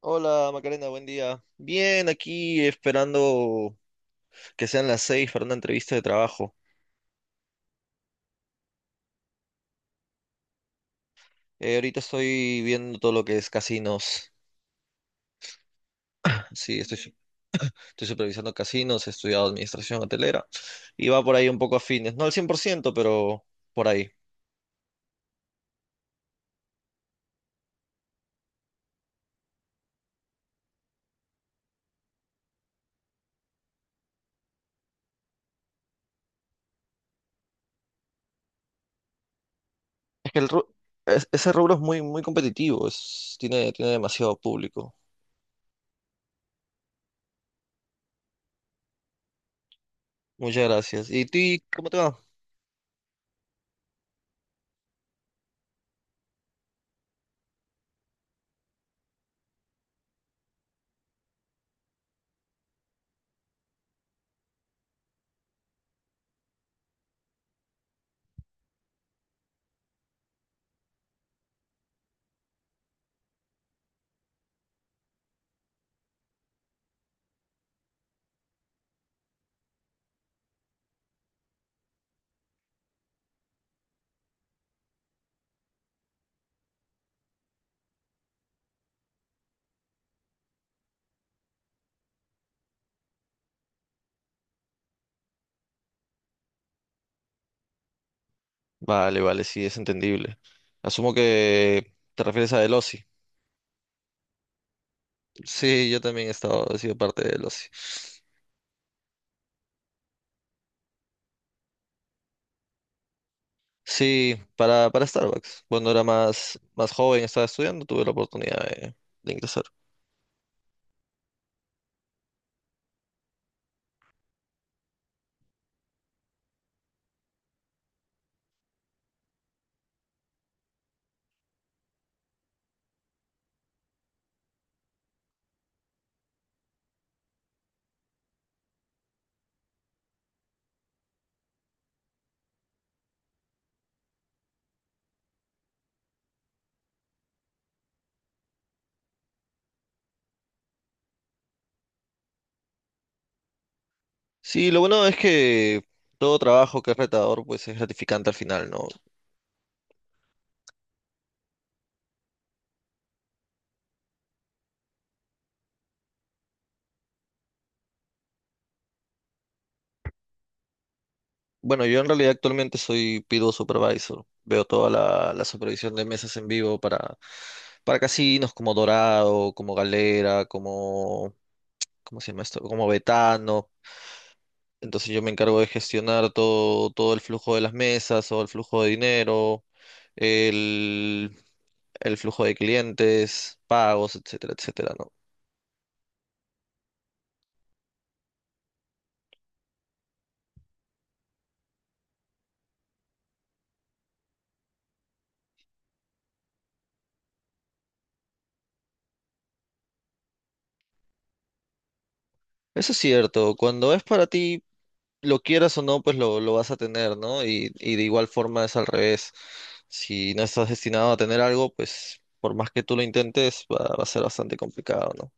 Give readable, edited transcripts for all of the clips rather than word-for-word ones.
Hola Macarena, buen día. Bien, aquí esperando que sean las 6 para una entrevista de trabajo. Ahorita estoy viendo todo lo que es casinos. Sí, estoy supervisando casinos, he estudiado administración hotelera y va por ahí un poco afines. No al 100%, pero por ahí. Es que el ru- es- Ese rubro es muy, muy competitivo, tiene, tiene demasiado público. Muchas gracias. ¿Y ti, cómo te va? Vale, vale, sí, es entendible. Asumo que te refieres a Delossi. Sí, yo también he estado, he sido parte de los... Sí, para Starbucks. Cuando era más, más joven, estaba estudiando, tuve la oportunidad de ingresar. Sí, lo bueno es que todo trabajo que es retador, pues es gratificante al final, ¿no? Bueno, yo en realidad actualmente soy PIDO Supervisor. Veo toda la supervisión de mesas en vivo para casinos como Dorado, como Galera, como... ¿Cómo se llama esto? Como Betano. Entonces yo me encargo de gestionar todo, todo el flujo de las mesas, o el flujo de dinero, el, el flujo de clientes, pagos, etcétera, etcétera, ¿no? Eso es cierto, cuando es para ti, lo quieras o no, pues lo vas a tener, ¿no? Y de igual forma es al revés. Si no estás destinado a tener algo, pues por más que tú lo intentes, va a ser bastante complicado, ¿no?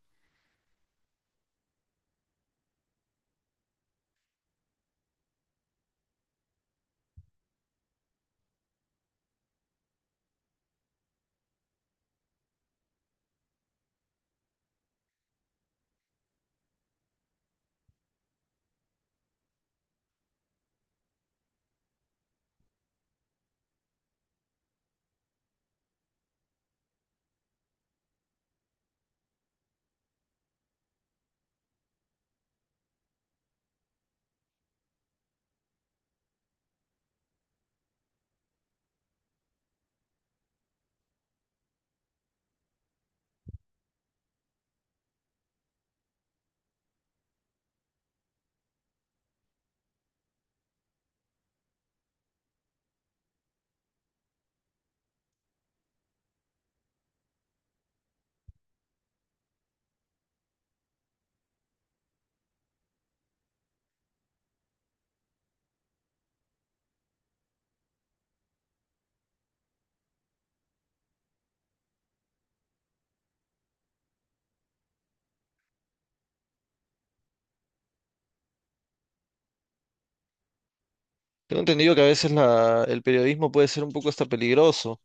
Tengo entendido que a veces el periodismo puede ser un poco hasta peligroso.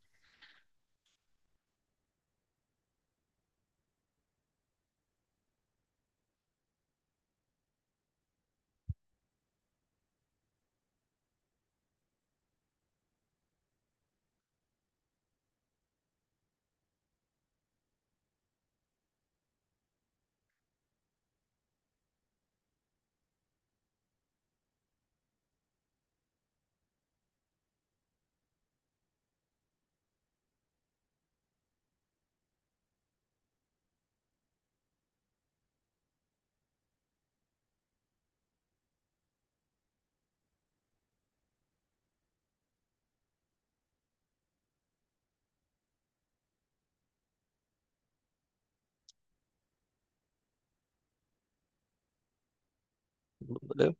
¿Vale?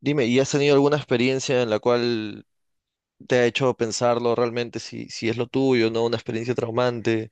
Dime, ¿y has tenido alguna experiencia en la cual te ha hecho pensarlo realmente si, si es lo tuyo, ¿no? Una experiencia traumante.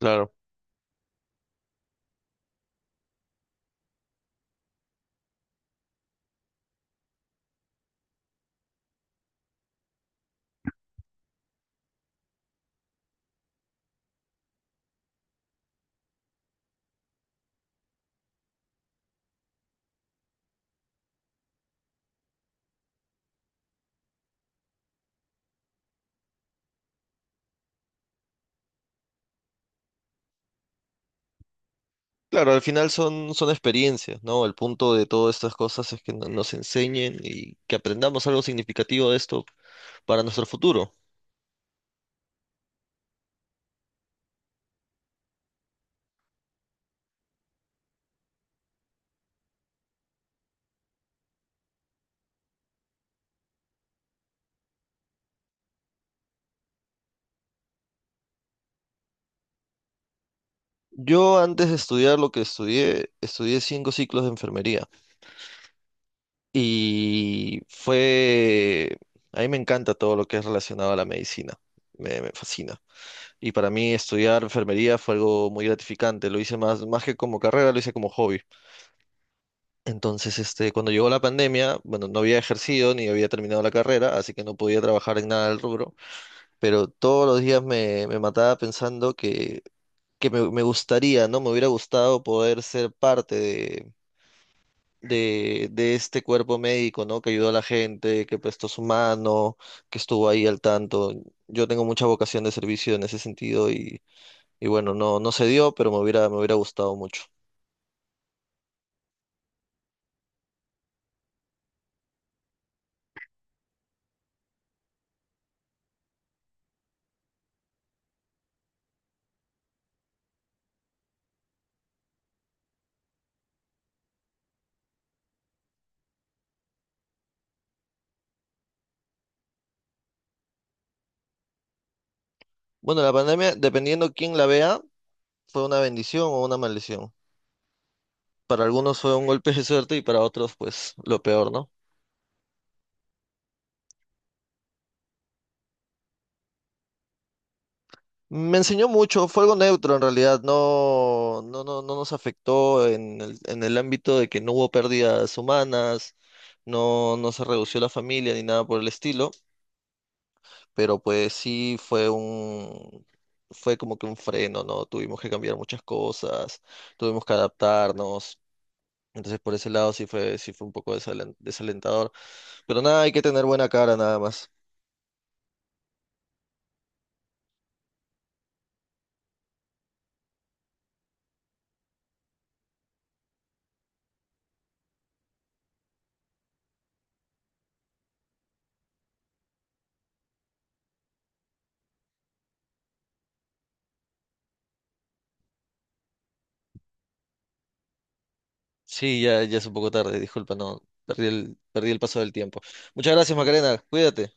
Claro. Claro, al final son, son experiencias, ¿no? El punto de todas estas cosas es que nos enseñen y que aprendamos algo significativo de esto para nuestro futuro. Yo antes de estudiar lo que estudié, estudié 5 ciclos de enfermería y fue... A mí me encanta todo lo que es relacionado a la medicina, me fascina. Y para mí estudiar enfermería fue algo muy gratificante. Lo hice más, más que como carrera, lo hice como hobby. Entonces, este, cuando llegó la pandemia, bueno, no había ejercido ni había terminado la carrera, así que no podía trabajar en nada del rubro, pero todos los días me mataba pensando que, me gustaría, ¿no? Me hubiera gustado poder ser parte de... de este cuerpo médico, ¿no? Que ayudó a la gente, que prestó su mano, que estuvo ahí al tanto. Yo tengo mucha vocación de servicio en ese sentido y bueno, no, no se dio, pero me hubiera gustado mucho. Bueno, la pandemia, dependiendo quién la vea, fue una bendición o una maldición. Para algunos fue un golpe de suerte y para otros, pues, lo peor, ¿no? Me enseñó mucho, fue algo neutro en realidad, no, no, no nos afectó en en el ámbito de que no hubo pérdidas humanas, no, no se redució la familia ni nada por el estilo, pero pues sí fue un, fue como que un freno, ¿no? Tuvimos que cambiar muchas cosas, tuvimos que adaptarnos. Entonces por ese lado sí fue un poco desalentador. Pero nada, hay que tener buena cara nada más. Sí, ya, ya es un poco tarde, disculpa, no, perdí el paso del tiempo. Muchas gracias, Macarena, cuídate.